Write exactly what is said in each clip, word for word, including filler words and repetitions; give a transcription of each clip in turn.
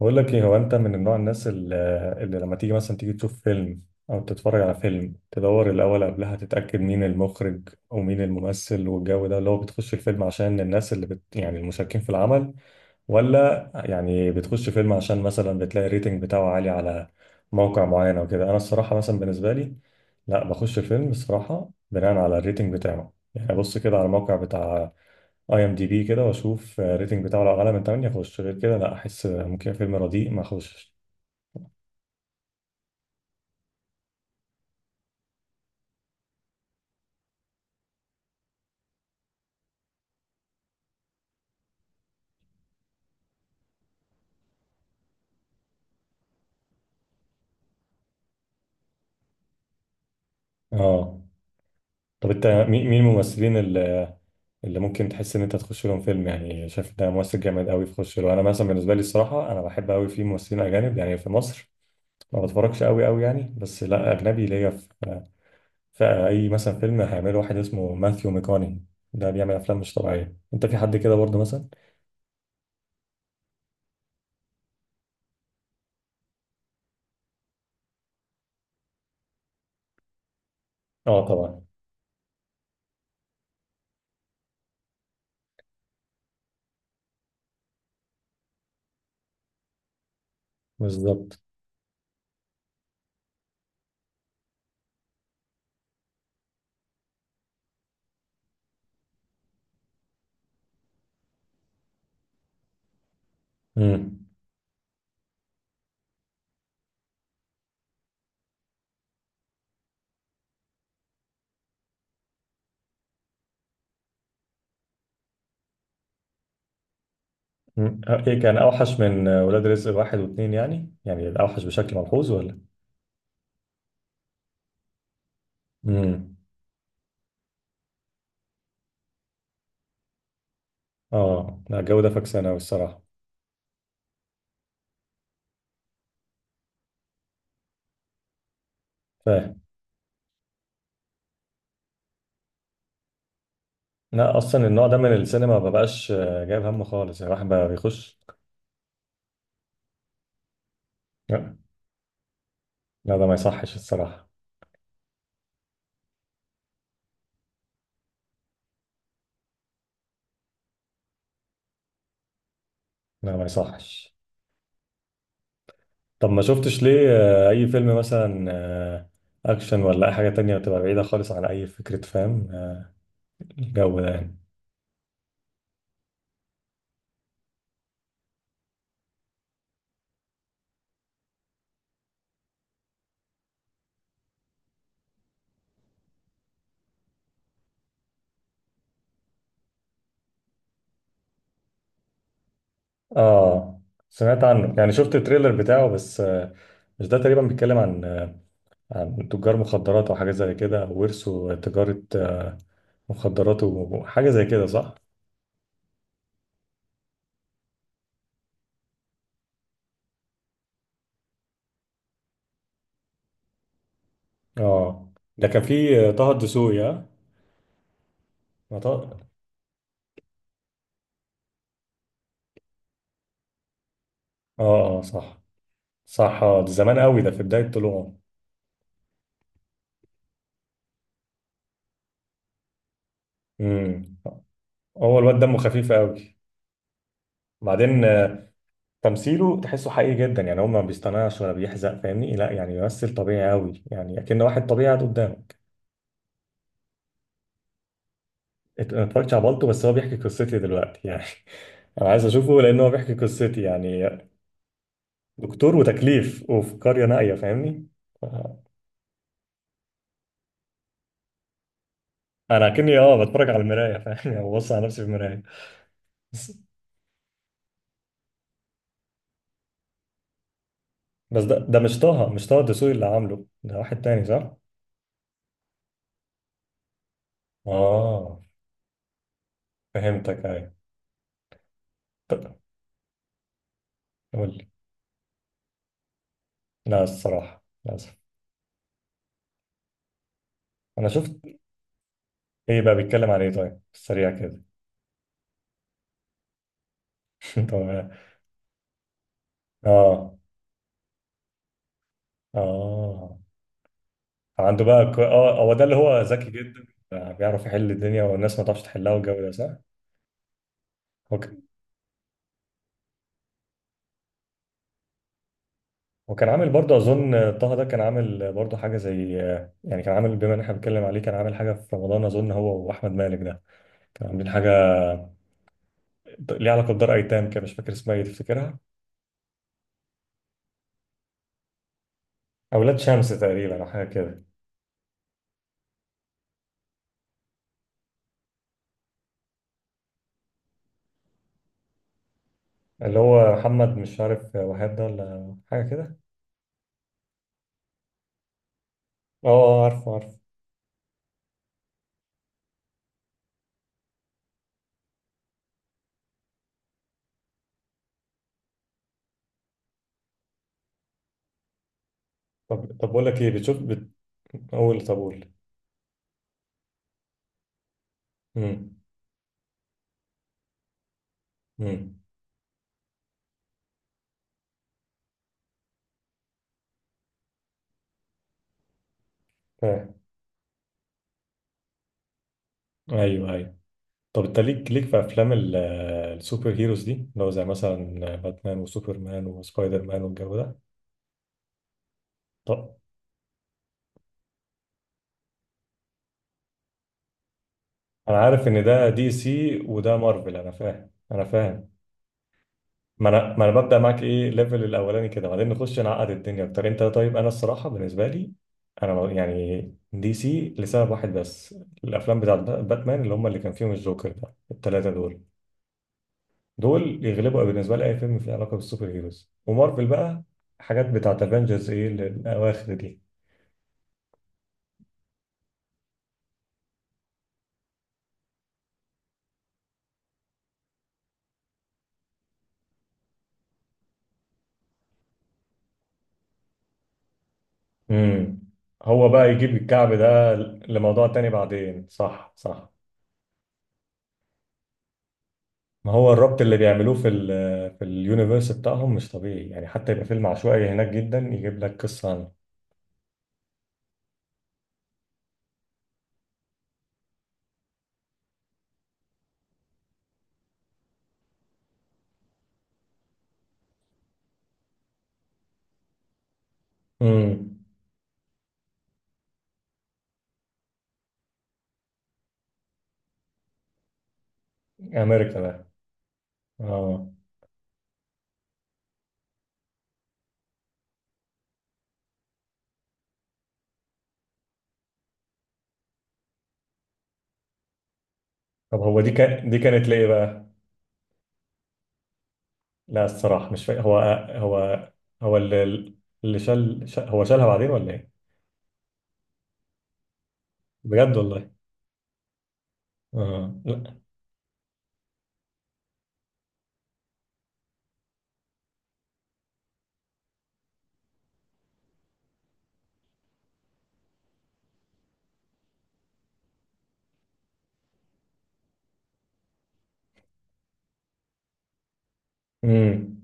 بقول لك ايه، هو انت من النوع الناس اللي, اللي لما تيجي مثلا تيجي تشوف فيلم او تتفرج على فيلم، تدور الاول قبلها تتاكد مين المخرج ومين الممثل والجو ده، اللي هو بتخش الفيلم عشان الناس اللي بت يعني المشاركين في العمل، ولا يعني بتخش فيلم عشان مثلا بتلاقي الريتنج بتاعه عالي على موقع معين او كده؟ انا الصراحه مثلا بالنسبه لي، لا بخش الفيلم الصراحه بناء على الريتنج بتاعه، يعني ابص كده على الموقع بتاع اي ام دي بي كده واشوف الريتنج بتاعه، لو اعلى من ثمانية اخش، غير كده لا، احس ممكن فيلم رديء ما اخشش. اه. طب انت مين مين الممثلين اللي اللي ممكن تحس ان انت تخش لهم فيلم؟ يعني شايف ده ممثل جامد قوي تخش له. انا مثلا بالنسبه لي الصراحه، انا بحب قوي في ممثلين اجانب، يعني في مصر ما بتفرجش قوي قوي يعني، بس لا اجنبي ليا، في في اي مثلا فيلم هيعمله واحد اسمه ماثيو ميكوني، ده بيعمل افلام مش طبيعيه. انت في حد كده برضه مثلا؟ اه، طبعا. بالظبط. امم. مم. ايه كان اوحش من ولاد رزق واحد واثنين؟ يعني يعني اوحش بشكل ملحوظ ولا؟ امم. اه، لا الجو ده فاكس انا الصراحه. فاهم. لا اصلا النوع ده من السينما ما بقاش آه، جايب هم خالص، يعني الواحد بقى بيخش. لا. لا ده ما يصحش الصراحه. لا، ما يصحش. طب ما شفتش ليه آه، اي فيلم مثلا، آه، اكشن ولا اي حاجه تانية بتبقى بعيده خالص عن اي فكره، فاهم؟ آه، الجو ده يعني. اه، سمعت عنه، يعني شفت التريلر بتاعه بس. آه، مش ده تقريبا بيتكلم عن آه، عن تجار مخدرات وحاجات زي كده؟ ورثوا تجارة آه، مخدرات وحاجة زي كده، صح؟ اه، ده كان في آه، طه الدسوقي، ها؟ ما طه. اه، اه، صح، صح. اه، ده زمان قوي ده، في بداية طلوعه. امم. هو الواد دمه خفيف قوي. بعدين آه، تمثيله تحسه حقيقي جدا، يعني هو ما بيصطنعش ولا بيحزق، فاهمني؟ لا يعني بيمثل طبيعي قوي يعني، اكن واحد طبيعي قاعد قدامه. ات- انا اتفرجتش على بالطو، بس هو بيحكي قصتي دلوقتي يعني. انا عايز اشوفه لان هو بيحكي قصتي يعني. دكتور وتكليف وفي قرية نائية، فاهمني؟ انا كني اه بتفرج على المراية، فاهمني؟ او ببص على نفسي في المراية. بس بس ده ده مش طه مش طه الدسوقي اللي عامله، ده واحد تاني صح؟ اه. فهمتك، ايوه. طب قول لي. لا الصراحة للأسف. انا شفت. ايه بقى بيتكلم عن ايه؟ طيب سريع كده. طب. اه، اه. عنده بقى ك- اه هو ده اللي هو ذكي جدا، بيعرف يحل الدنيا والناس ما تعرفش تحلها والجو ده صح؟ هو. وكان عامل برضه اظن، طه ده كان عامل برضه حاجه زي، يعني كان عامل، بما ان احنا بنتكلم عليه، كان عامل حاجه في رمضان، اظن هو واحمد مالك ده، كانوا عاملين حاجه ليها علاقه بدار ايتام كده، مش فاكر اسمها ايه، تفتكرها؟ اولاد شمس تقريبا او حاجه كده. اللي هو محمد مش عارف وهاب ده ولا حاجه كده. اه، آه، عارفه عارفه. طب طب بقول لك ايه، بتشوف بت... قول، طب قول. امم. امم. فاهم. ايوه، ايوه. طب انت ليك ليك في افلام ال- السوبر هيروز دي، اللي هو زي مثلا باتمان وسوبرمان وسبايدر مان والجو ده؟ طب انا عارف ان ده دي سي وده مارفل، انا فاهم، انا فاهم. ما انا ما انا ببدا معاك ايه ليفل الاولاني كده، بعدين نخش نعقد الدنيا اكتر. انت طيب. انا الصراحه بالنسبه لي، انا يعني دي سي لسبب واحد بس، الافلام بتاعت بات- باتمان، اللي هم اللي كان فيهم الجوكر ده، الثلاثه دول دول يغلبوا بالنسبه لي اي فيلم فيه علاقه بالسوبر هيروز. ومارفل بقى، حاجات بتاعت افنجرز ايه الاواخر دي. امم. هو بقى يجيب الكعب ده لموضوع تاني بعدين، صح صح. ما هو الربط اللي بيعملوه في ال في اليونيفرس بتاعهم مش طبيعي، يعني حتى يبقى فيلم عشوائي هناك جدا يجيب لك قصة عنه. امم. امريكا بقى. اه، طب هو دي كان دي كانت ليه بقى؟ لا الصراحة مش فاهم. هو هو هو اللي اللي شال شا- هو شالها بعدين ولا ايه؟ بجد والله؟ اه، لا. امم،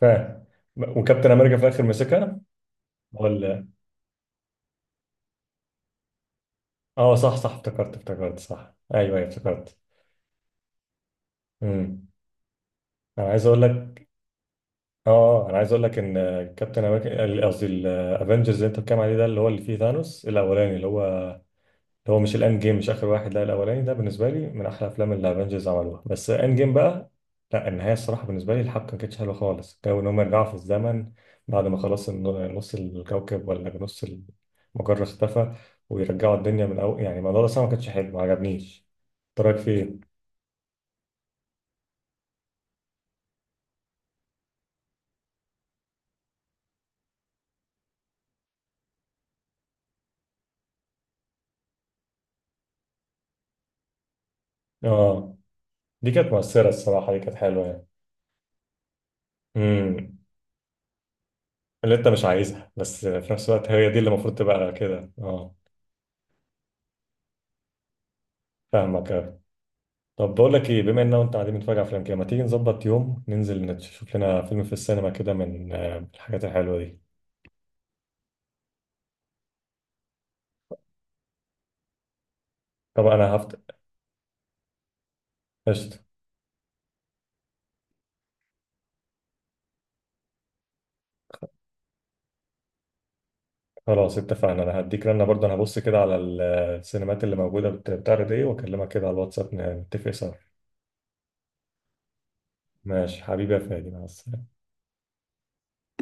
فاهم. وكابتن امريكا في الاخر مسكها ولا؟ اه، صح صح، افتكرت افتكرت، صح، ايوه ايوه افتكرت. امم. انا عايز اقول لك اه انا عايز اقول لك ان كابتن امريكا، قصدي الافنجرز اللي انت بتتكلم عليه ده، اللي هو اللي فيه ثانوس الاولاني، اللي هو اللي هو مش الاند جيم، مش اخر واحد، لا الاولاني، ده بالنسبه لي من احلى افلام اللي الافنجرز عملوها. بس اند جيم بقى، لا النهايه الصراحه بالنسبه لي الحبكه ما كانتش حلوه خالص، جو ان هم يرجعوا في الزمن بعد ما خلاص الن- نص الكوكب ولا نص المجره اختفى، ويرجعوا الدنيا من الاول، يعني الموضوع ده الصراحة ما كانش حلو، ما عجبنيش. إنت رايك فيه؟ اه، دي كانت مؤثره الصراحه، دي كانت حلوه يعني. إمم. اللي انت مش عايزها بس في نفس الوقت هي دي اللي المفروض تبقى كده، اه. فاهمك أوي. طب بقول لك ايه، بما ان انت قاعدين بنتفرج على افلام كده، ما تيجي نظبط يوم ننزل نشوف لنا فيلم في السينما كده من آه، الحاجات الحلوه دي؟ طب انا هفت. قشطة. خلاص اتفقنا، انا هديك رنه برضه، انا هبص كده على ال- السينمات اللي موجوده بت- بتعرض ايه، واكلمك كده على الواتساب نتفق سوا. ماشي حبيبي يا فادي، مع السلامه.